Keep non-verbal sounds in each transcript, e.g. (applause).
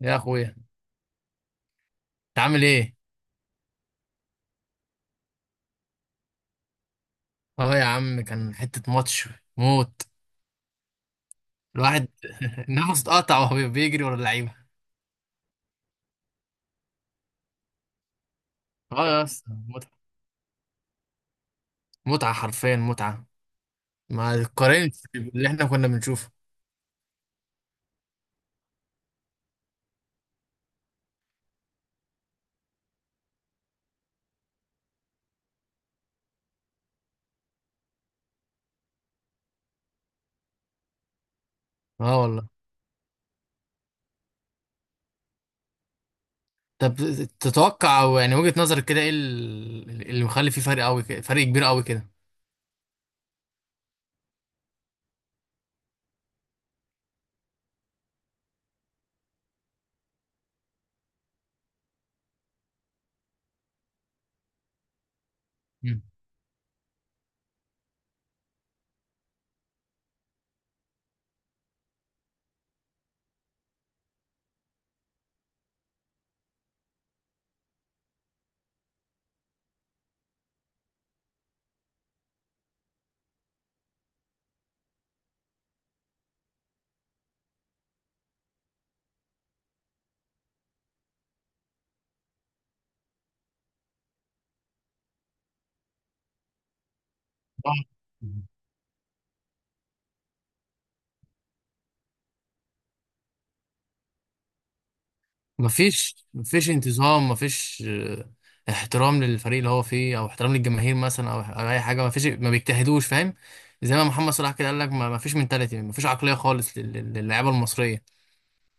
يا اخويا، انت عامل ايه؟ اه يا عم، كان حتة ماتش موت. الواحد (laughs) نفسه اتقطع وهو بيجري ورا اللعيبة. اه يا اسطى متعة، متعة حرفيا متعة. ما تقارنش باللي احنا كنا بنشوفه. اه والله. طب تتوقع او يعني وجهة نظرك كده ايه اللي مخلي فيه فرق قوي كده، فرق كبير قوي كده؟ مم. آه. مفيش، مفيش انتظام، مفيش احترام للفريق اللي هو فيه، او احترام للجماهير مثلا، او اي حاجه. مفيش، ما بيجتهدوش، فاهم؟ زي ما محمد صلاح كده قال لك، مفيش منتاليتي، مفيش عقليه خالص للاعيبه المصريه.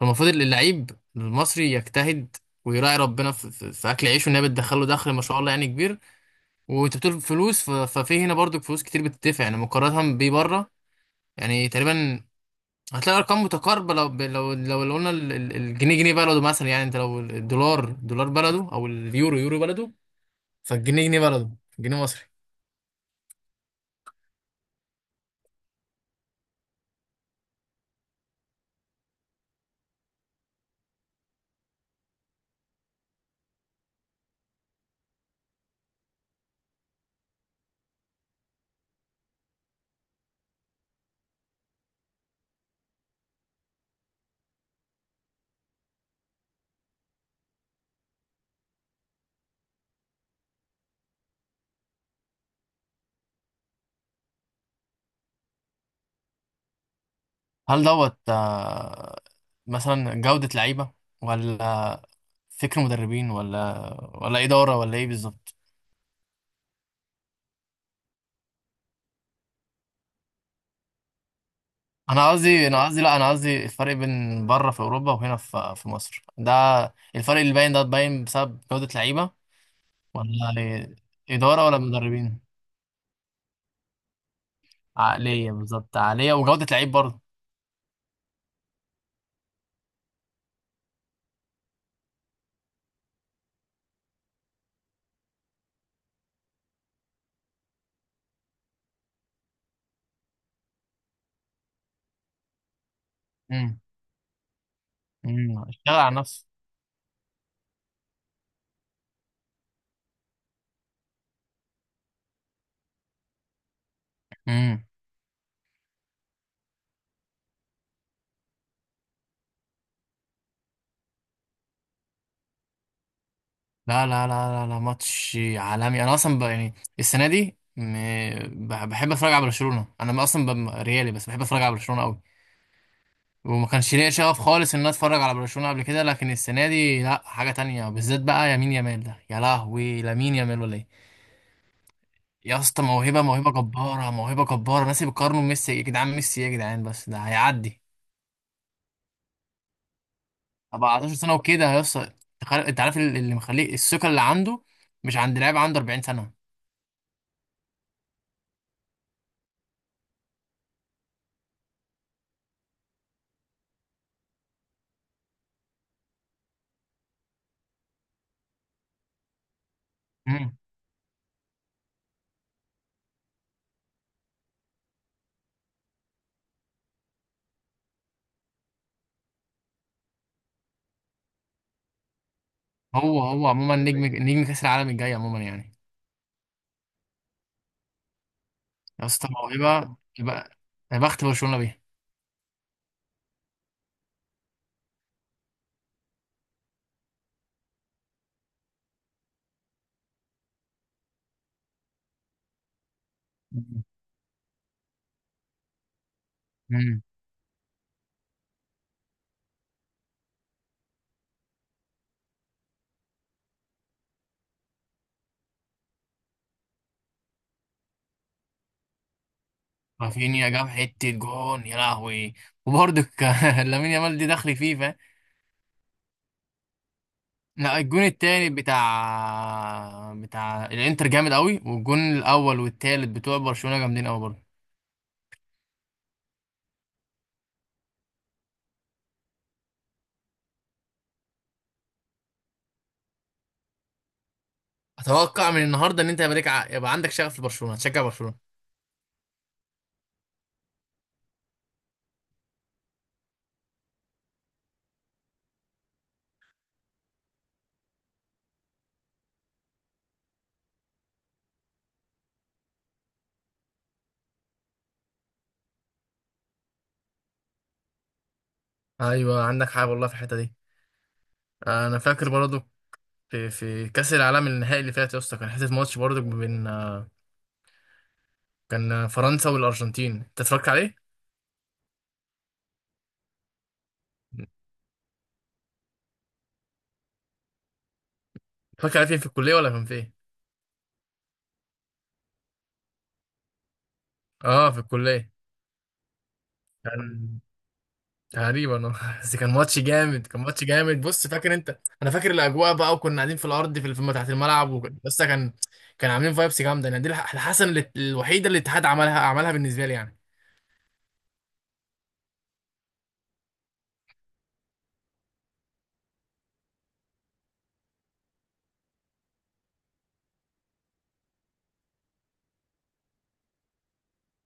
فالمفروض اللعيب المصري يجتهد ويراعي ربنا في اكل عيشه، ان هي بتدخله دخل ما شاء الله يعني كبير. وانت بتقول فلوس، ف- ففي هنا برضو فلوس كتير بتدفع، يعني مقارنه بيه بره. يعني تقريبا هتلاقي ارقام متقاربه لو لو قلنا الجنيه جنيه بلده مثلا، يعني انت لو الدولار دولار بلده او اليورو يورو بلده، فالجنيه جنيه بلده، جنيه مصري. هل دوت آه، مثلا جوده لعيبه، ولا فكر مدربين، ولا ولا اداره، ولا ايه بالظبط؟ انا قصدي لا، انا قصدي الفرق بين بره في اوروبا وهنا في مصر ده، الفرق اللي باين ده باين بسبب جوده لعيبه، ولا اداره ولا مدربين؟ عقليه بالظبط، عقليه وجوده لعيب برضه. امم. امم، اشتغل على نفسه. امم. لا لا لا لا لا، ماتش عالمي. انا اصلا يعني السنه دي بحب اتفرج على برشلونه. انا اصلا ريالي، بس بحب اتفرج على برشلونه قوي. وما كانش ليا شغف خالص ان انا اتفرج على برشلونه قبل كده، لكن السنه دي لا، حاجه تانية بالذات بقى. يمين يامال ده يا لهوي، لامين يامال ولا ايه؟ يا اسطى موهبه، موهبه جباره، موهبه جباره. ناس بيقارنوا بميسي يا جدعان، ميسي إيه يا جدعان، بس ده هيعدي 14 سنه وكده يا اسطى. انت عارف اللي مخليه الثقه اللي عنده، مش عند لاعب عنده 40 سنه. امم. هو عموما نجم، نجم كاس العالم الجاي عموما يعني. يا اسطى موهبه، يبقى يا بخت برشلونه بيها. امم. رافينيا جاب حته جون يا لهوي. وبرضه (laughs) لامين يامال دي دخل فيه، فاهم؟ لا، الجون التاني بتاع بتاع الانتر جامد قوي، والجون الاول والتالت بتوع برشلونه جامدين قوي برضه. اتوقع من النهارده ان انت يا بريك يبقى عندك شغف لبرشلونه، تشجع برشلونه. ايوه عندك حق والله في الحته دي. انا فاكر برضو، في كاس العالم النهائي اللي فات يا اسطى، كان حته ماتش برضو بين آه، كان فرنسا والارجنتين، انت اتفرجت عليه؟ اتفرجت عليه فين، في الكليه ولا كان فين؟ اه، في الكليه. كان تقريبا (laughs) بس كان ماتش جامد، كان ماتش جامد. بص، فاكر انت انا فاكر الاجواء بقى، وكنا قاعدين في الارض في الفيلم تحت الملعب، وكان- بس كان كان عاملين فايبس جامده يعني. دي الحسن الوحيده اللي الاتحاد عملها، عملها بالنسبه لي يعني.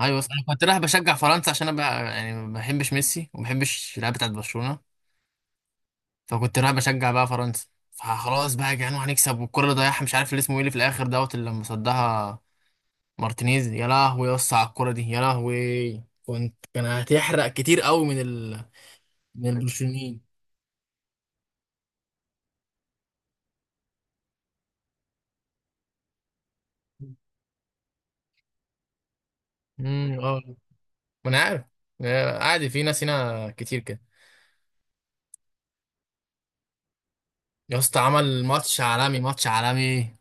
ايوه، بس انا كنت رايح بشجع فرنسا عشان انا بقى يعني ما بحبش ميسي وما بحبش اللعيبه بتاعت برشلونه. فكنت رايح بشجع بقى فرنسا. فخلاص بقى يا جدعان هنكسب. والكره اللي ضيعها مش عارف اللي اسمه ايه، اللي في الاخر دوت، اللي لما صدها مارتينيز، يا لهوي يا اسطى على الكره دي، يا لهوي، كنت كان هتحرق كتير قوي من ال، من البرشلونيين. اه، ما انا عارف، آه، عادي، في ناس هنا كتير كده. يا اسطى عمل ماتش عالمي، ماتش عالمي.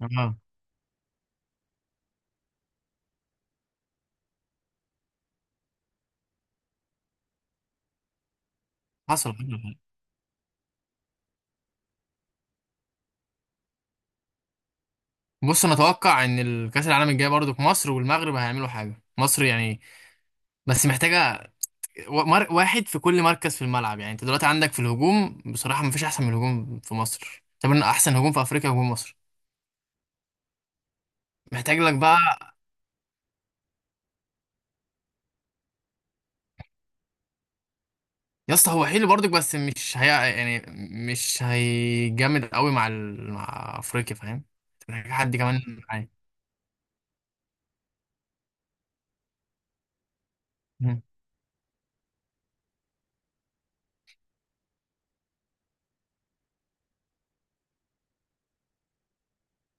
اه حصل. بص انا اتوقع ان الكاس العالم الجاي برضو في مصر، والمغرب هيعملوا حاجه، مصر يعني بس محتاجه واحد في كل مركز في الملعب. يعني انت دلوقتي عندك في الهجوم بصراحه مفيش احسن من الهجوم في مصر، طب انا احسن هجوم في افريقيا هجوم مصر. محتاج لك بقى. يا اسطى هو حلو برضك بس مش هي يعني، مش هيجامد قوي مع افريقيا، فاهم؟ محتاج حد كمان معاه. مم.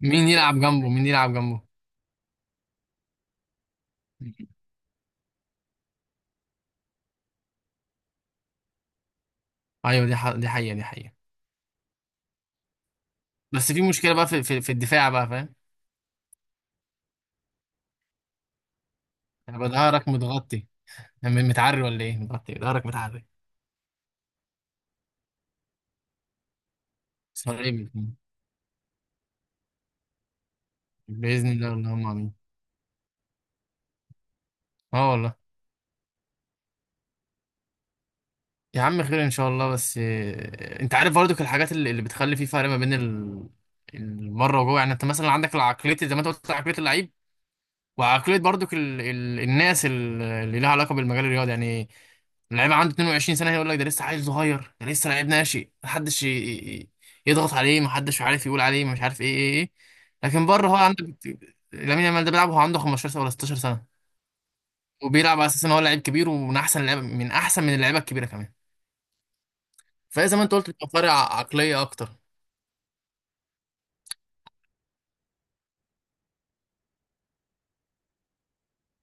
مين يلعب جنبه، مين يلعب جنبه؟ ايوه، دي حقيقه، دي حقيقه. بس في مشكله بقى في الدفاع بقى، فاهم؟ هيبقى ظهرك متغطي، يعني متعري ولا ايه، متغطي ظهرك، متعري. صليبي. باذن الله، اللهم امين. اه والله. يا عم خير ان شاء الله، بس آه، انت عارف برضك الحاجات اللي بتخلي في فرق ما بين المره وجوه. يعني انت مثلا عندك العقليه زي ما انت قلت، عقليه اللعيب وعقلية برضك الناس اللي لها علاقة بالمجال الرياضي يعني. اللعيب عنده 22 سنة يقول لك ده لسه عيل صغير، ده لسه لعيب ناشئ، محدش ي- يضغط عليه، محدش عارف يقول عليه مش عارف ايه ايه ايه. لكن بره هو عندك لامين يامال ده بيلعب وهو عنده 15 سنة ولا 16 سنة، وبيلعب على اساس ان هو لعيب كبير ومن احسن اللعيبة، من احسن من اللعيبة الكبيرة كمان. فزي ما انت قلت بيبقى فرق عقلية اكتر.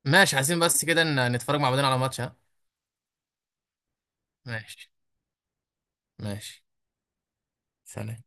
ماشي، عايزين بس كده نتفرج مع بعضنا على ماتش ها. ماشي، ماشي. سلام.